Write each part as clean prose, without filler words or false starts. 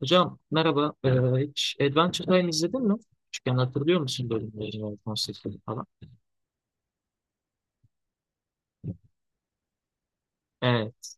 Hocam merhaba. Hiç Adventure Time izledin mi? Küçükken hatırlıyor musun bölümleri, konseptleri falan? Evet,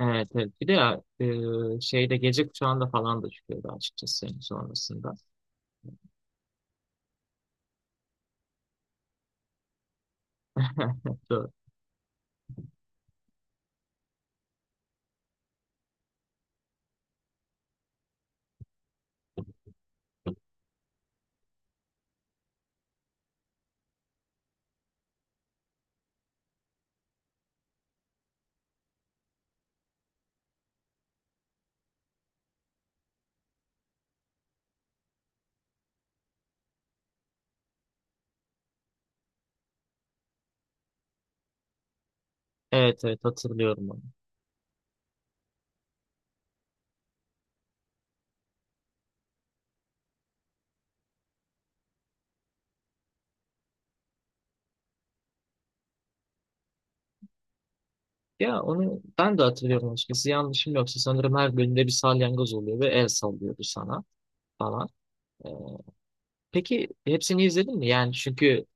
evet, evet. Bir de ya, şeyde gece kuşağında falan da çıkıyordu açıkçası senin sonrasında. Doğru. Evet, evet hatırlıyorum onu. Ya onu ben de hatırlıyorum açıkçası. Yanlışım yoksa sanırım her bölümde bir salyangoz oluyor ve el sallıyordu sana falan. Ee, peki hepsini izledin mi? Yani çünkü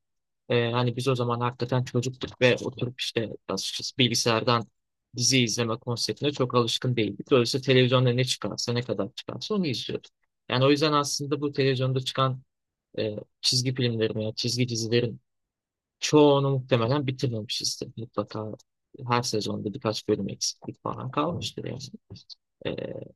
Hani biz o zaman hakikaten çocuktuk ve oturup işte açıkçası bilgisayardan dizi izleme konseptine çok alışkın değildik. Dolayısıyla televizyonda ne çıkarsa ne kadar çıkarsa onu izliyorduk. Yani o yüzden aslında bu televizyonda çıkan e, çizgi filmlerin veya çizgi dizilerin çoğunu muhtemelen bitirmemişizdir. Mutlaka her sezonda birkaç bölüm eksiklik falan kalmıştır yani. Ee,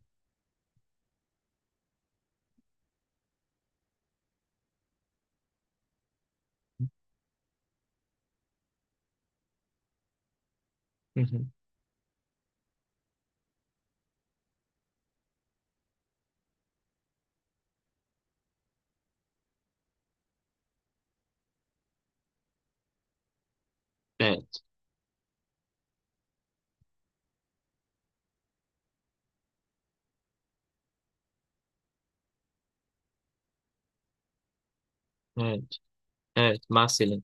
hı hı. Evet, evet, evet, Marcel'in.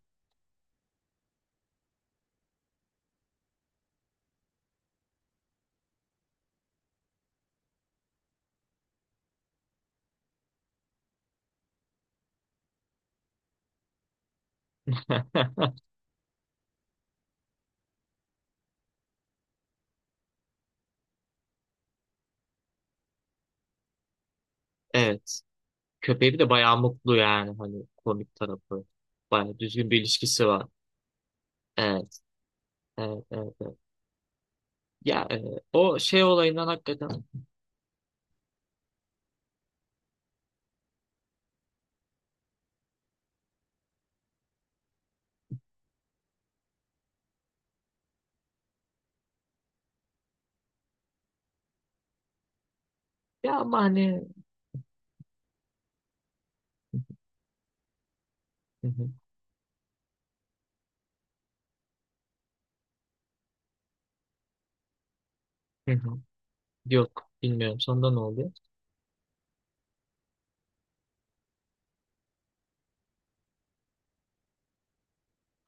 Evet. Köpeği de bayağı mutlu yani hani komik tarafı. Bayağı düzgün bir ilişkisi var. Evet, evet, evet, evet. Ya o şey olayından hakikaten ya ama hani hı hı, hı hı. Yok bilmiyorum, sonunda ne oluyor?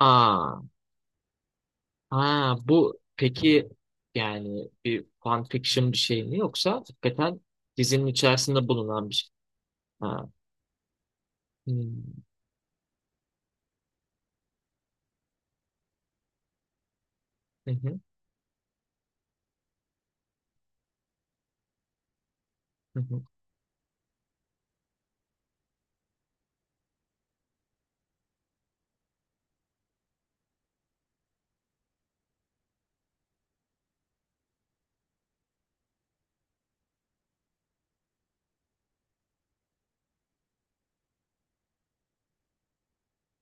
Aa, ha bu peki yani bir fan fiction bir şey mi yoksa hakikaten dizinin içerisinde bulunan bir şey? Ha. Hmm, hı hı, hı hı.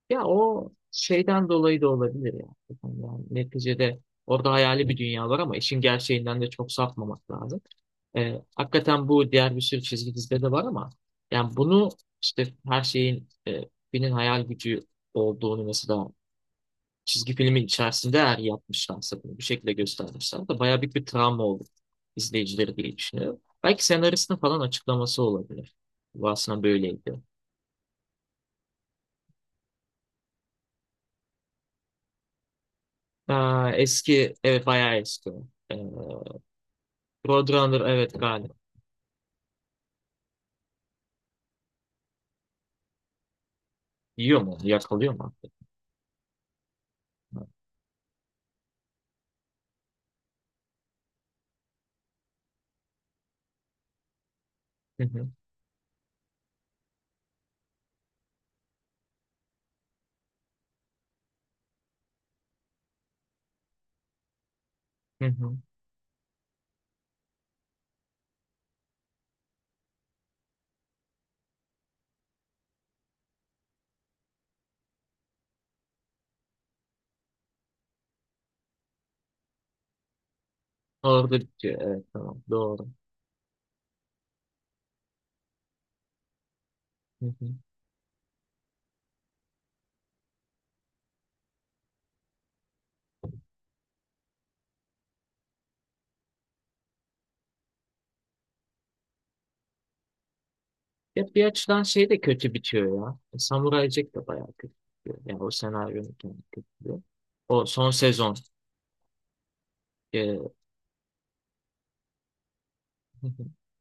Ya o şeyden dolayı da olabilir ya. Yani neticede orada hayali bir dünya var ama işin gerçeğinden de çok sapmamak lazım. Hakikaten bu diğer bir sürü çizgi dizide de var ama yani bunu işte her şeyin birinin hayal gücü olduğunu mesela çizgi filmin içerisinde eğer yapmışlarsa bunu bir şekilde göstermişler de bayağı büyük bir travma oldu izleyicileri diye düşünüyorum. Belki senaristin falan açıklaması olabilir. Bu aslında böyleydi. Aa, eski evet bayağı eski o. Ee, Roadrunner evet galiba. Yiyor mu? Yakalıyor mu artık? Hı hı. Hı hı. Orada bitiyor. Evet, tamam. Doğru. Hı hı. Ya bir açıdan şey de kötü bitiyor ya. Samurai Jack de bayağı kötü bitiyor. Yani o senaryonun kendi kötü bitiyor. O son sezon. Hı hı.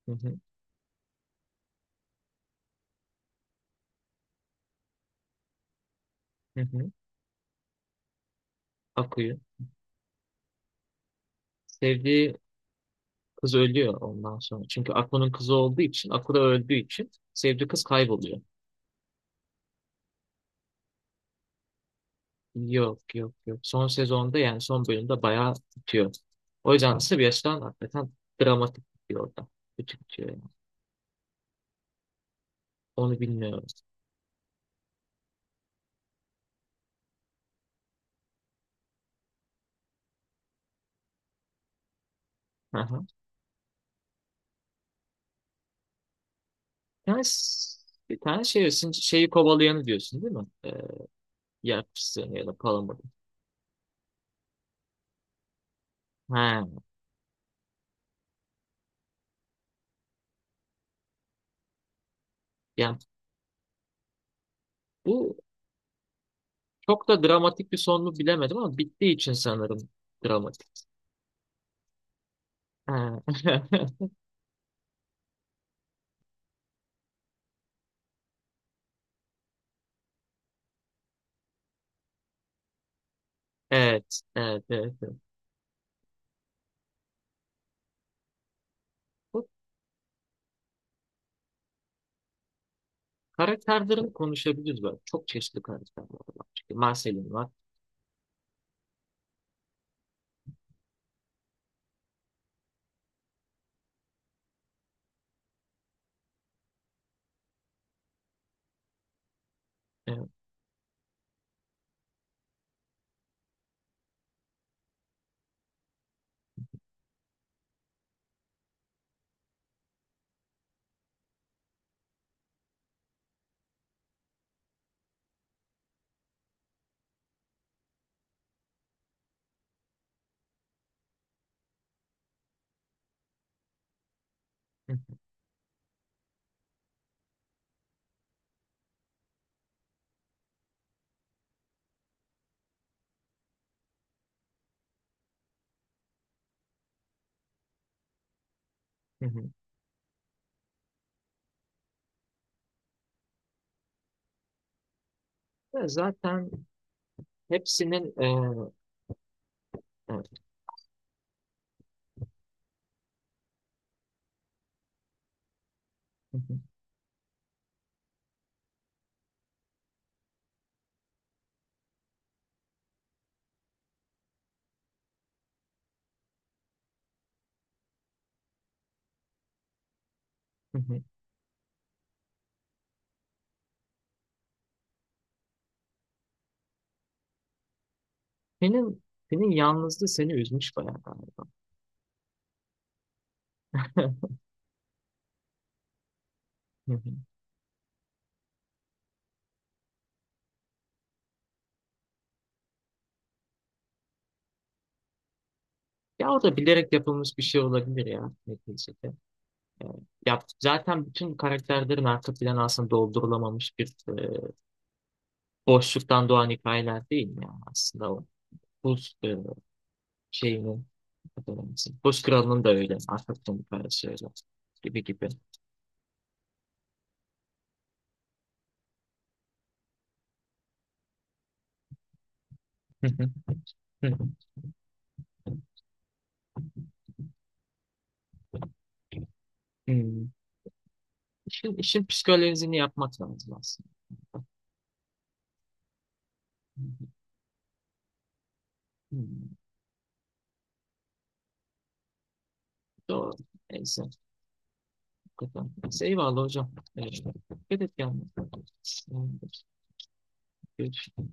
Hı hı. Hı hı. Aku'yu. Sevdiği kız ölüyor ondan sonra. Çünkü Aku'nun kızı olduğu için, Aku da öldüğü için sevdiği kız kayboluyor. Yok, yok, yok. Son sezonda yani son bölümde bayağı tutuyor. O yüzden Sebastian hakikaten dramatik tutuyor orada. Kötü tutuyor yani. Onu bilmiyorum. Hı hı. Bir tane, bir tane şey, diyorsun, şeyi kovalayanı diyorsun değil mi? Yer fıstığını ya da palamudu. Ha. Yani bu çok da dramatik bir son mu bilemedim ama bittiği için sanırım dramatik. Ha. Evet, evet, evet, evet. Bu karakterlerini konuşabiliriz böyle. Çok çeşitli karakterler var. Çünkü Marcel'in var. Evet. Hı hı. Ya zaten hepsinin evet. Hı hı. Hı hı. Senin senin yalnızlığı seni üzmüş bayağı galiba. Hı hı. Ya o da bilerek yapılmış bir şey olabilir ya neticede. E, ya zaten bütün karakterlerin arka planı aslında doldurulamamış bir boşluktan doğan hikayeler değil mi ya aslında o buz şeyinin adı neyse. Buz kralının da öyle arka planı hikayesi öyle gibi gibi. Hı hı. Hı hı. Hmm. İşin psikolojisini yapmak lazım aslında. Hmm. Doğru. Neyse. Neyse, eyvallah hocam. Evet. Dikkat et kendine. Görüşürüz.